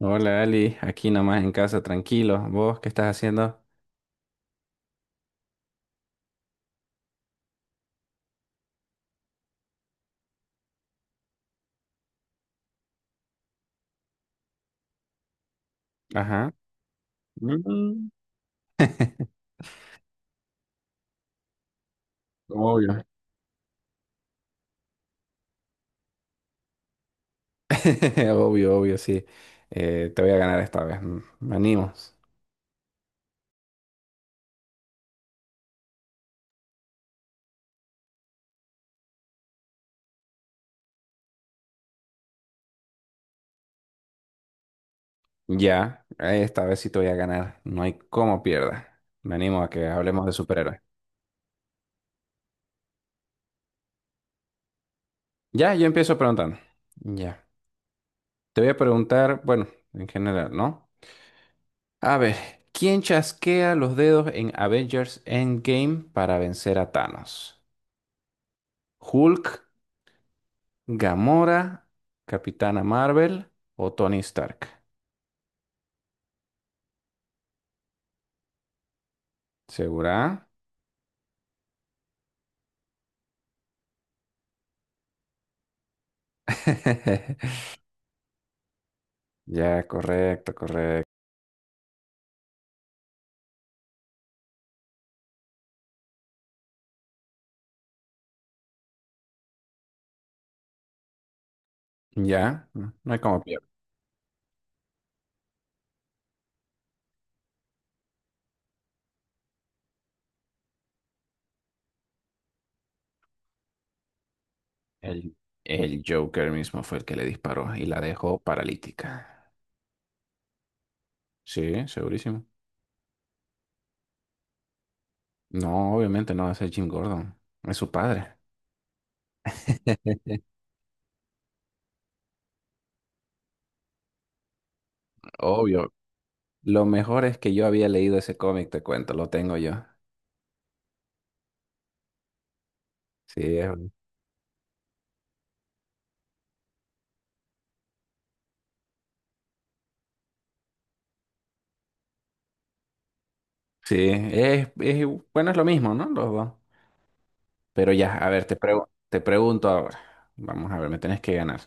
Hola Ali, aquí nomás en casa, tranquilo. ¿Vos qué estás haciendo? Ajá. Mm. Obvio. Obvio, obvio, sí. Te voy a ganar esta vez. Me animo. Ya, esta vez sí te voy a ganar. No hay cómo pierda. Me animo a que hablemos de superhéroes. Ya, yo empiezo preguntando. Ya. Te voy a preguntar, bueno, en general, ¿no? A ver, ¿quién chasquea los dedos en Avengers Endgame para vencer a Thanos? ¿Hulk? Gamora, Capitana Marvel o Tony Stark. ¿Segura? Ya, correcto, correcto. Ya, no hay como pierde. El, el Joker mismo fue el que le disparó y la dejó paralítica. Sí, segurísimo. No, obviamente no va a ser Jim Gordon. Es su padre. Obvio. Lo mejor es que yo había leído ese cómic, te cuento, lo tengo yo. Sí, sí, es, es- bueno, es lo mismo, ¿no? Los dos. Pero ya, a ver, te pregunto ahora. Vamos a ver, me tenés que ganar.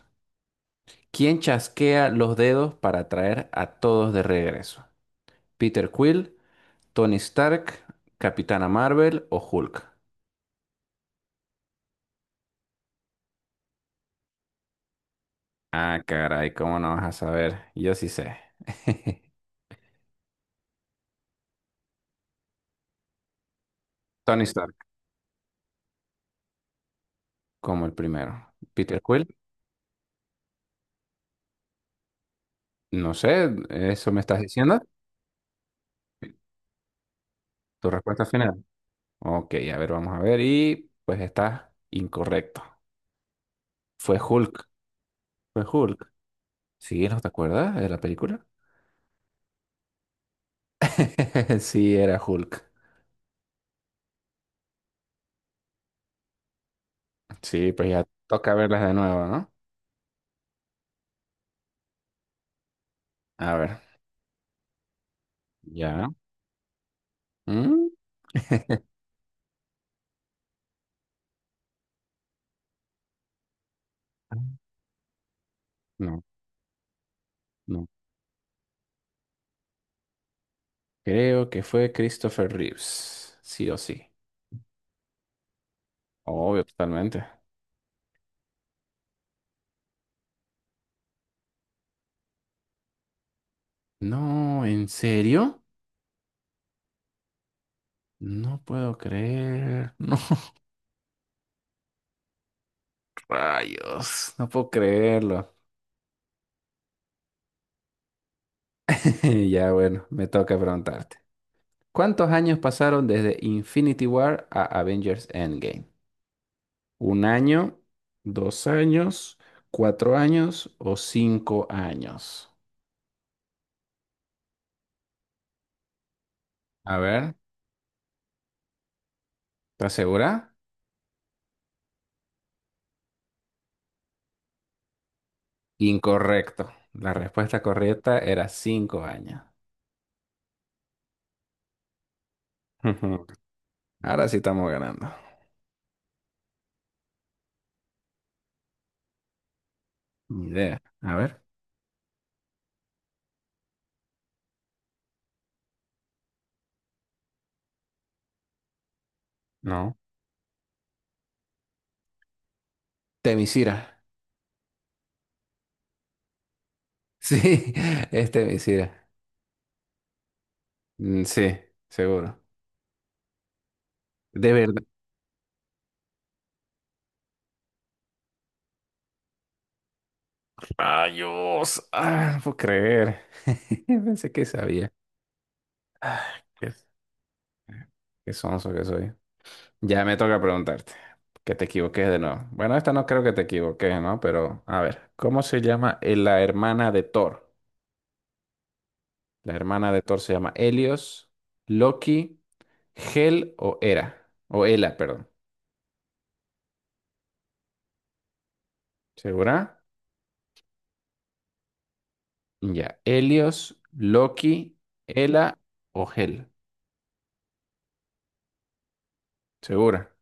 ¿Quién chasquea los dedos para traer a todos de regreso? ¿Peter Quill, Tony Stark, Capitana Marvel o Hulk? Ah, caray, ¿cómo no vas a saber? Yo sí sé. Tony Stark, como el primero. ¿Peter Quill? No sé, ¿eso me estás diciendo? ¿Tu respuesta final? Ok, a ver, vamos a ver. Y pues está incorrecto. Fue Hulk. Fue Hulk. ¿Sí? ¿No te acuerdas de la película? Sí, era Hulk. Sí, pues ya toca verlas de nuevo, ¿no? A ver, ya. ¿Mm? No, no. Creo que fue Christopher Reeves. Sí o sí. Obvio, totalmente. No, ¿en serio? No puedo creer. No, rayos. No puedo creerlo. Ya, bueno, me toca preguntarte. ¿Cuántos años pasaron desde Infinity War a Avengers Endgame? ¿1 año, 2 años, 4 años o 5 años? A ver, ¿estás segura? Incorrecto. La respuesta correcta era 5 años. Ujú. Ahora sí estamos ganando. Ni idea. A ver. No. Temisira. Sí, es Temisira. Mm, sí, seguro. De verdad. Rayos. Ah, no puedo creer. Pensé que sabía. Ah, qué, qué sonso que soy. Ya me toca preguntarte, que te equivoques de nuevo. Bueno, esta no creo que te equivoques, ¿no? Pero a ver, ¿cómo se llama la hermana de Thor? La hermana de Thor se llama Helios, Loki, Hel o Hera, o Hela, perdón. ¿Segura? Ya, Helios, Loki, Hela o Hel. ¿Segura?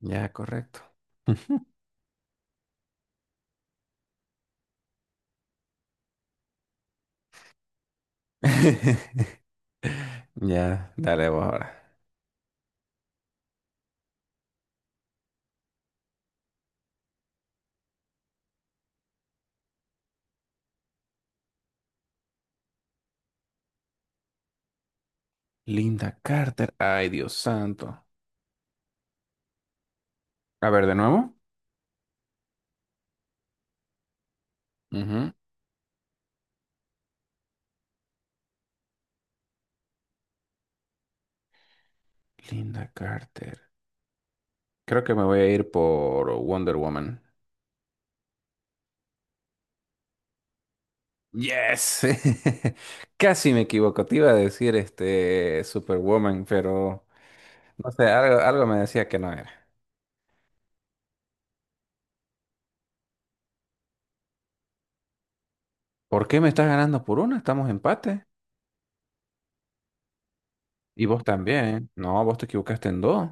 Ya, correcto. Ya, dale vos ahora. Linda Carter, ay Dios santo. A ver, de nuevo. Ujú. Linda Carter. Creo que me voy a ir por Wonder Woman. Yes. Casi me equivoco. Te iba a decir este Superwoman, pero no sé, algo me decía que no era. ¿Por qué me estás ganando por una? Estamos empate. Y vos también. No, vos te equivocaste en dos.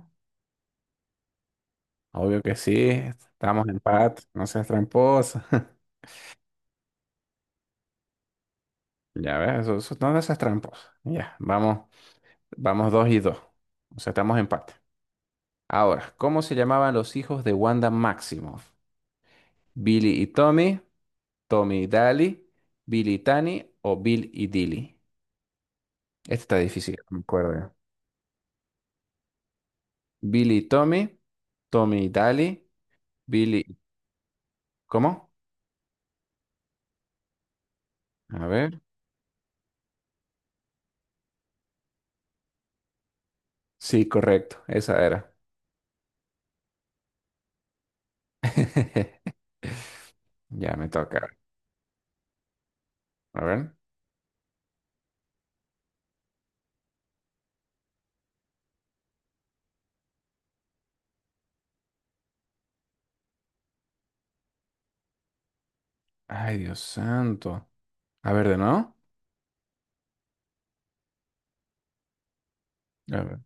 Obvio que sí. Estamos en empate. No seas tramposa. Ya ves, no seas tramposa. Ya, vamos dos y dos. O sea, estamos en empate. Ahora, ¿cómo se llamaban los hijos de Wanda Maximoff? Billy y Tommy, Tommy y Dali, Billy y Tani o Bill y Dilly. Este está difícil, no me acuerdo. Billy y Tommy, Tommy y Dali, Billy. ¿Cómo? A ver. Sí, correcto, esa era. Ya me toca. A ver. Ay, Dios santo. A ver, de nuevo. A ver.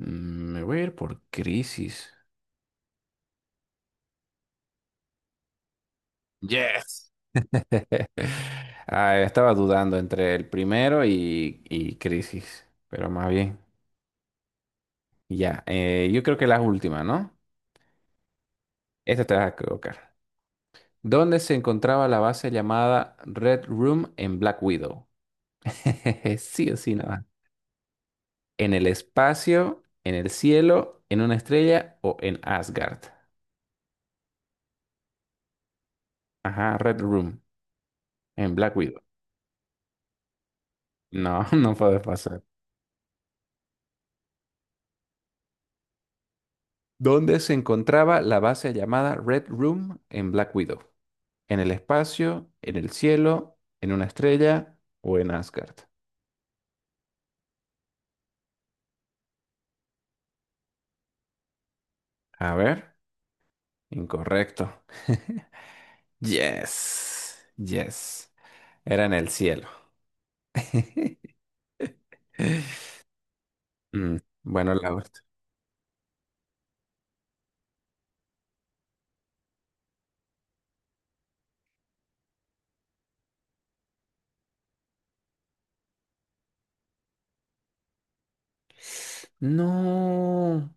Me voy a ir por crisis. Yes. Ah, estaba dudando entre el primero y crisis, pero más bien. Ya, yo creo que la última, ¿no? Esta te vas a equivocar. ¿Dónde se encontraba la base llamada Red Room en Black Widow? Sí o sí, nada. ¿En el espacio, en el cielo, en una estrella o en Asgard? Ajá, Red Room en Black Widow. No, no puede pasar. ¿Dónde se encontraba la base llamada Red Room en Black Widow? ¿En el espacio, en el cielo, en una estrella o en Asgard? A ver, incorrecto. Yes, yes. Era en el cielo. Mm, bueno, la verdad. No,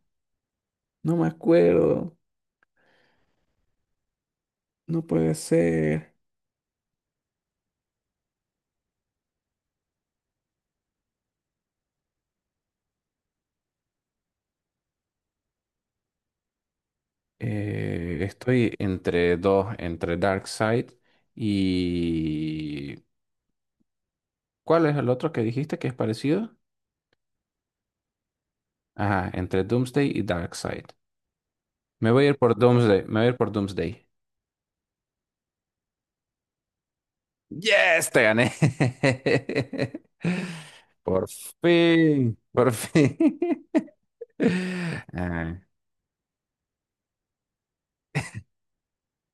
no me acuerdo. No puede ser. Estoy entre dos, entre Darkseid y... ¿Cuál es el otro que dijiste que es parecido? Ajá, entre Doomsday y Darkseid. Me voy a ir por Doomsday. Me voy a ir por Doomsday. Yes, te gané. Por fin, por fin. Ay,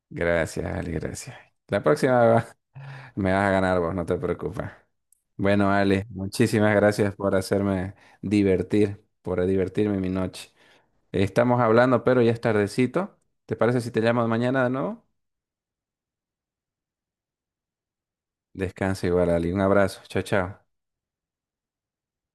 gracias, Ale, gracias. La próxima va- Me vas a ganar vos, no te preocupes. Bueno, Ale, muchísimas gracias por hacerme divertir, por divertirme mi noche. Estamos hablando, pero ya es tardecito. ¿Te parece si te llamo mañana de nuevo? Descansa igual, Ali. Un abrazo. Chao, chao.